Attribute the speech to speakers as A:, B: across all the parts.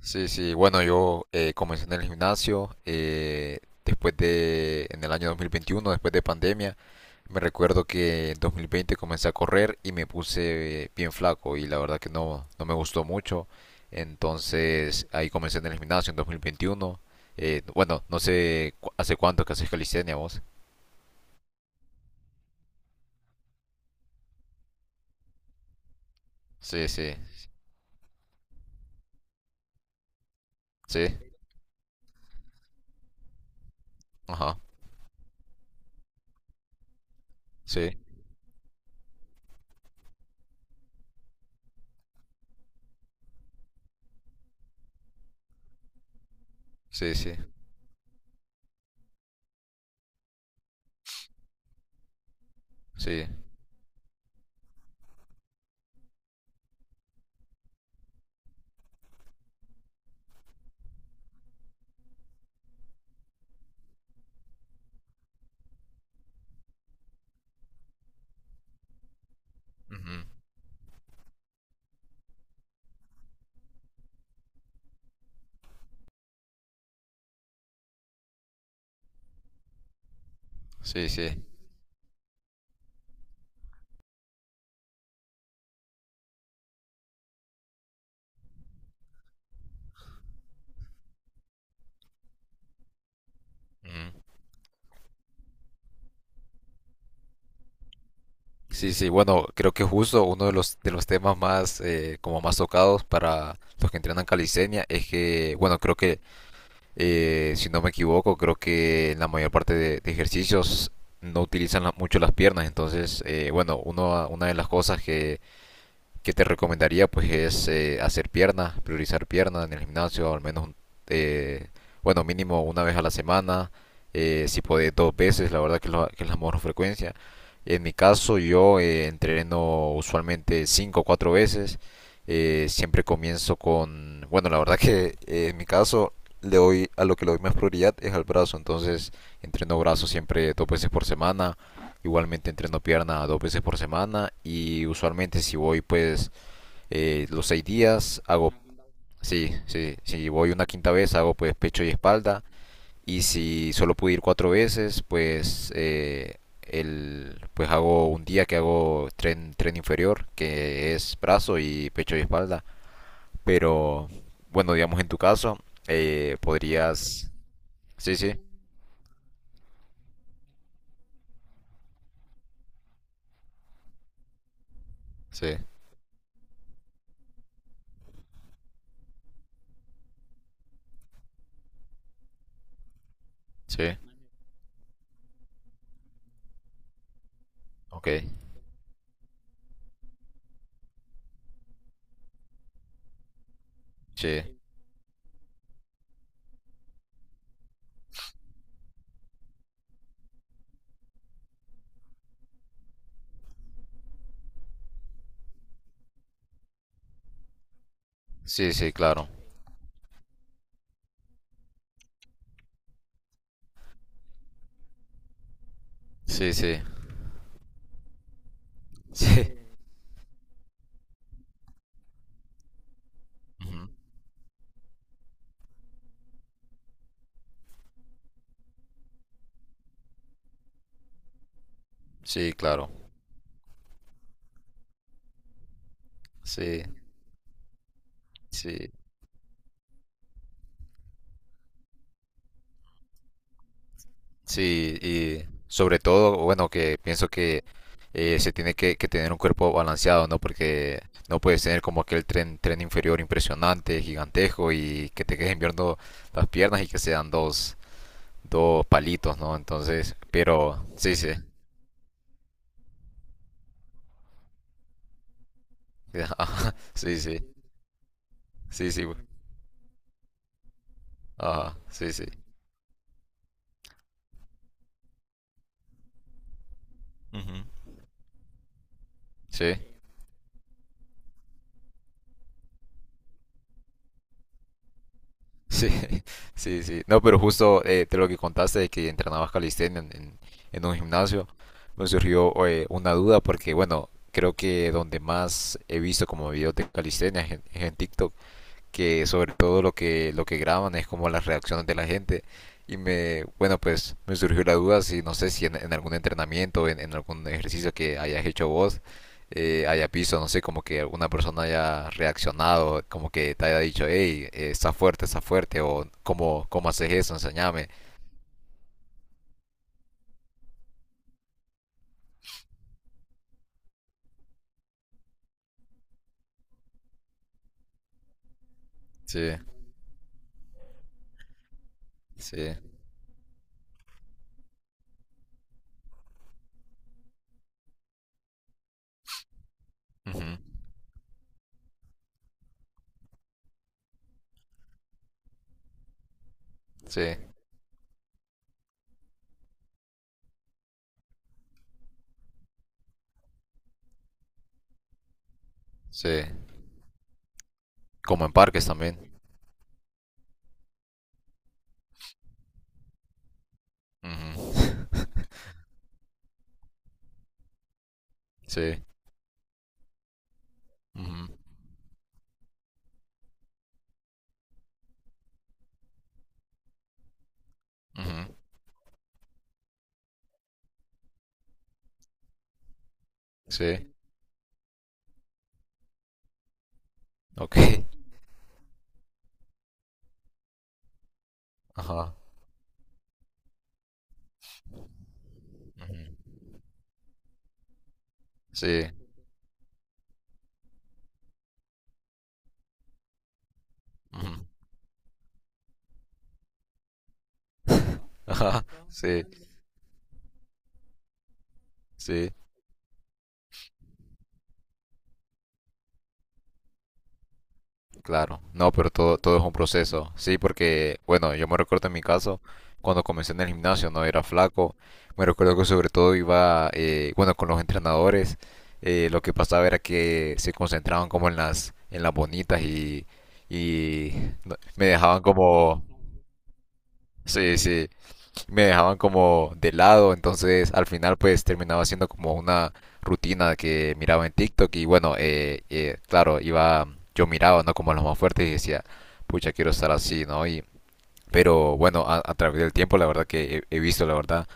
A: Sí, sí, bueno, yo comencé en el gimnasio en el año 2021 después de pandemia. Me recuerdo que en 2020 comencé a correr y me puse bien flaco y la verdad que no, no me gustó mucho. Entonces ahí comencé en el gimnasio en 2021. Bueno, no sé hace cuánto que haces calistenia vos. Sí, sí, sí, ajá, sí, sí, sí, sí, ujú, sí, sí, ujú. Sí, sí, bueno, creo que justo uno de los temas más, como más tocados para los que entrenan calistenia es que, bueno, creo que, si no me equivoco, creo que en la mayor parte de ejercicios no utilizan mucho las piernas. Entonces, bueno, una de las cosas que te recomendaría pues es hacer piernas, priorizar piernas en el gimnasio, al menos eh, bueno, mínimo una vez a la semana, si puede dos veces, la verdad que, que es la mejor frecuencia. En mi caso yo entreno usualmente cinco o cuatro veces. Siempre comienzo con, bueno, la verdad que en mi caso, le doy a lo que le doy más prioridad es al brazo, entonces entreno brazo siempre dos veces por semana. Igualmente entreno pierna dos veces por semana, y usualmente si voy, pues los 6 días hago, sí, sí, si voy una quinta vez hago pues pecho y espalda, y si solo pude ir cuatro veces, pues pues hago un día que hago tren inferior que es brazo, y pecho y espalda, pero bueno, digamos en tu caso podrías. Sí, sí. Sí, sí, ok. Sí, sí, sí, claro. Sí, sí. Sí. Ujú. Sí, claro. Sí, sí. Sí, y sobre todo, bueno, que pienso que se tiene que tener un cuerpo balanceado, ¿no? Porque no puedes tener como aquel tren inferior impresionante, gigantesco, y que te queden viendo las piernas y que sean dos, dos palitos, ¿no? Entonces, pero sí, sí. Ajá, sí, sí. Sí, sí, ajá, sí, sí, ujú, sí. Sí, sí, sí. No, pero justo de lo que contaste, de que entrenabas calistenia en un gimnasio, me surgió una duda, porque bueno, creo que donde más he visto como videos de calistenia es en TikTok, que sobre todo lo que graban es como las reacciones de la gente. Y bueno, pues me surgió la duda si, no sé, si en algún entrenamiento, en algún ejercicio que hayas hecho vos, hayas visto, no sé, como que alguna persona haya reaccionado, como que te haya dicho, hey, está fuerte, o cómo haces eso, enséñame. Sí, sí, ujú, sí, sí. Como en parques también. Ujú. Sí, ujú, ujú, sí, ok. Ajá. Ujú. Sí. Ujú. Ajá, sí, sí, claro. No, pero todo, todo es un proceso. Sí, porque bueno, yo me recuerdo en mi caso, cuando comencé en el gimnasio, no era flaco. Me recuerdo que sobre todo iba, bueno, con los entrenadores, lo que pasaba era que se concentraban como en las bonitas, y y me dejaban como, sí, sí, me dejaban como de lado. Entonces al final pues terminaba siendo como una rutina que miraba en TikTok. Y bueno, claro, iba, yo miraba, ¿no? Como a los más fuertes, y decía, pucha, quiero estar así, ¿no? Y pero bueno, a través del tiempo la verdad que he visto, la verdad,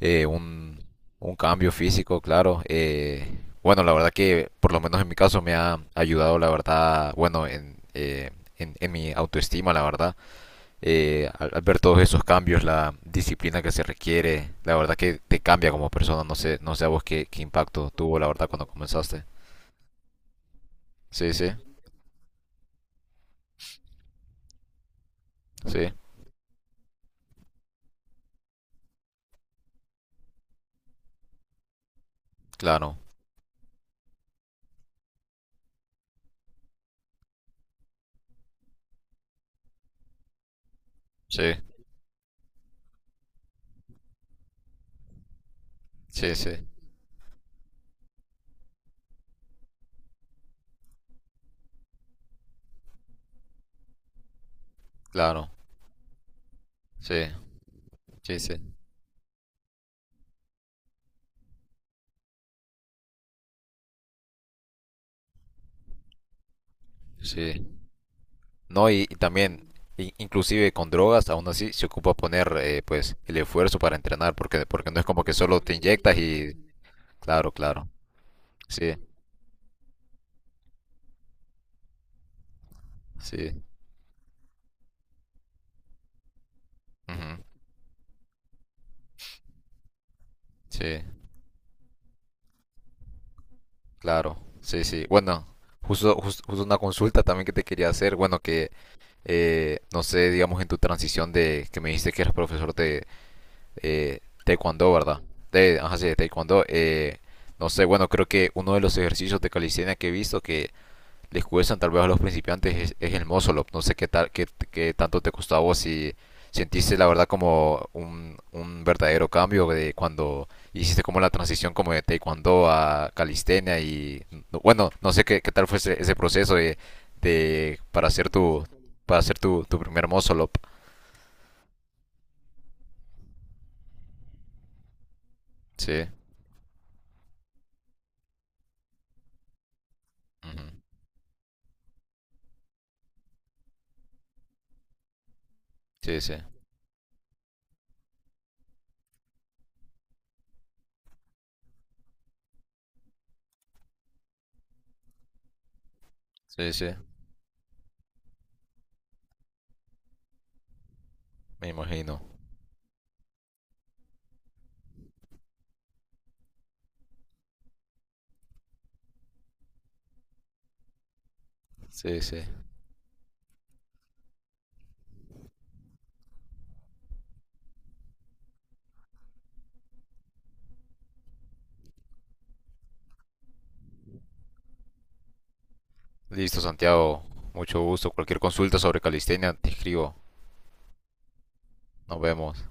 A: eh, un, un cambio físico, claro. Bueno, la verdad que por lo menos en mi caso me ha ayudado, la verdad, bueno, en mi autoestima, la verdad, al ver todos esos cambios, la disciplina que se requiere, la verdad que te cambia como persona. No sé, no sé a vos qué impacto tuvo, la verdad, cuando comenzaste. Sí, sí. Sí, claro. Sí, sí. Sí, claro. Sí, sí. Sí, sí. No, y, también, inclusive con drogas, aún así se ocupa poner, pues, el esfuerzo para entrenar, porque, no es como que solo te inyectas y... Claro, claro, sí, sí, ujú, sí. Claro, sí, sí. Bueno, justo, justo una consulta también que te quería hacer. Bueno, que no sé, digamos en tu transición de que me dijiste que eras profesor de eh, taekwondo, ¿verdad? Ajá, sí, de taekwondo. No sé, bueno, creo que uno de los ejercicios de calistenia que he visto que les descuestan tal vez a los principiantes es, el Mozolop. No sé qué tanto te costó a vos, si sentiste la verdad como un verdadero cambio de cuando hiciste como la transición como de taekwondo a calistenia. Y no, bueno, no sé qué tal fue ese proceso de- para hacer tu para hacer tu primer Mozolop. Sí. Ujú. Sí, sí. Sí, sí. Me imagino. Sí, sí. Listo, Santiago. Mucho gusto. Cualquier consulta sobre calistenia, te escribo. Nos vemos.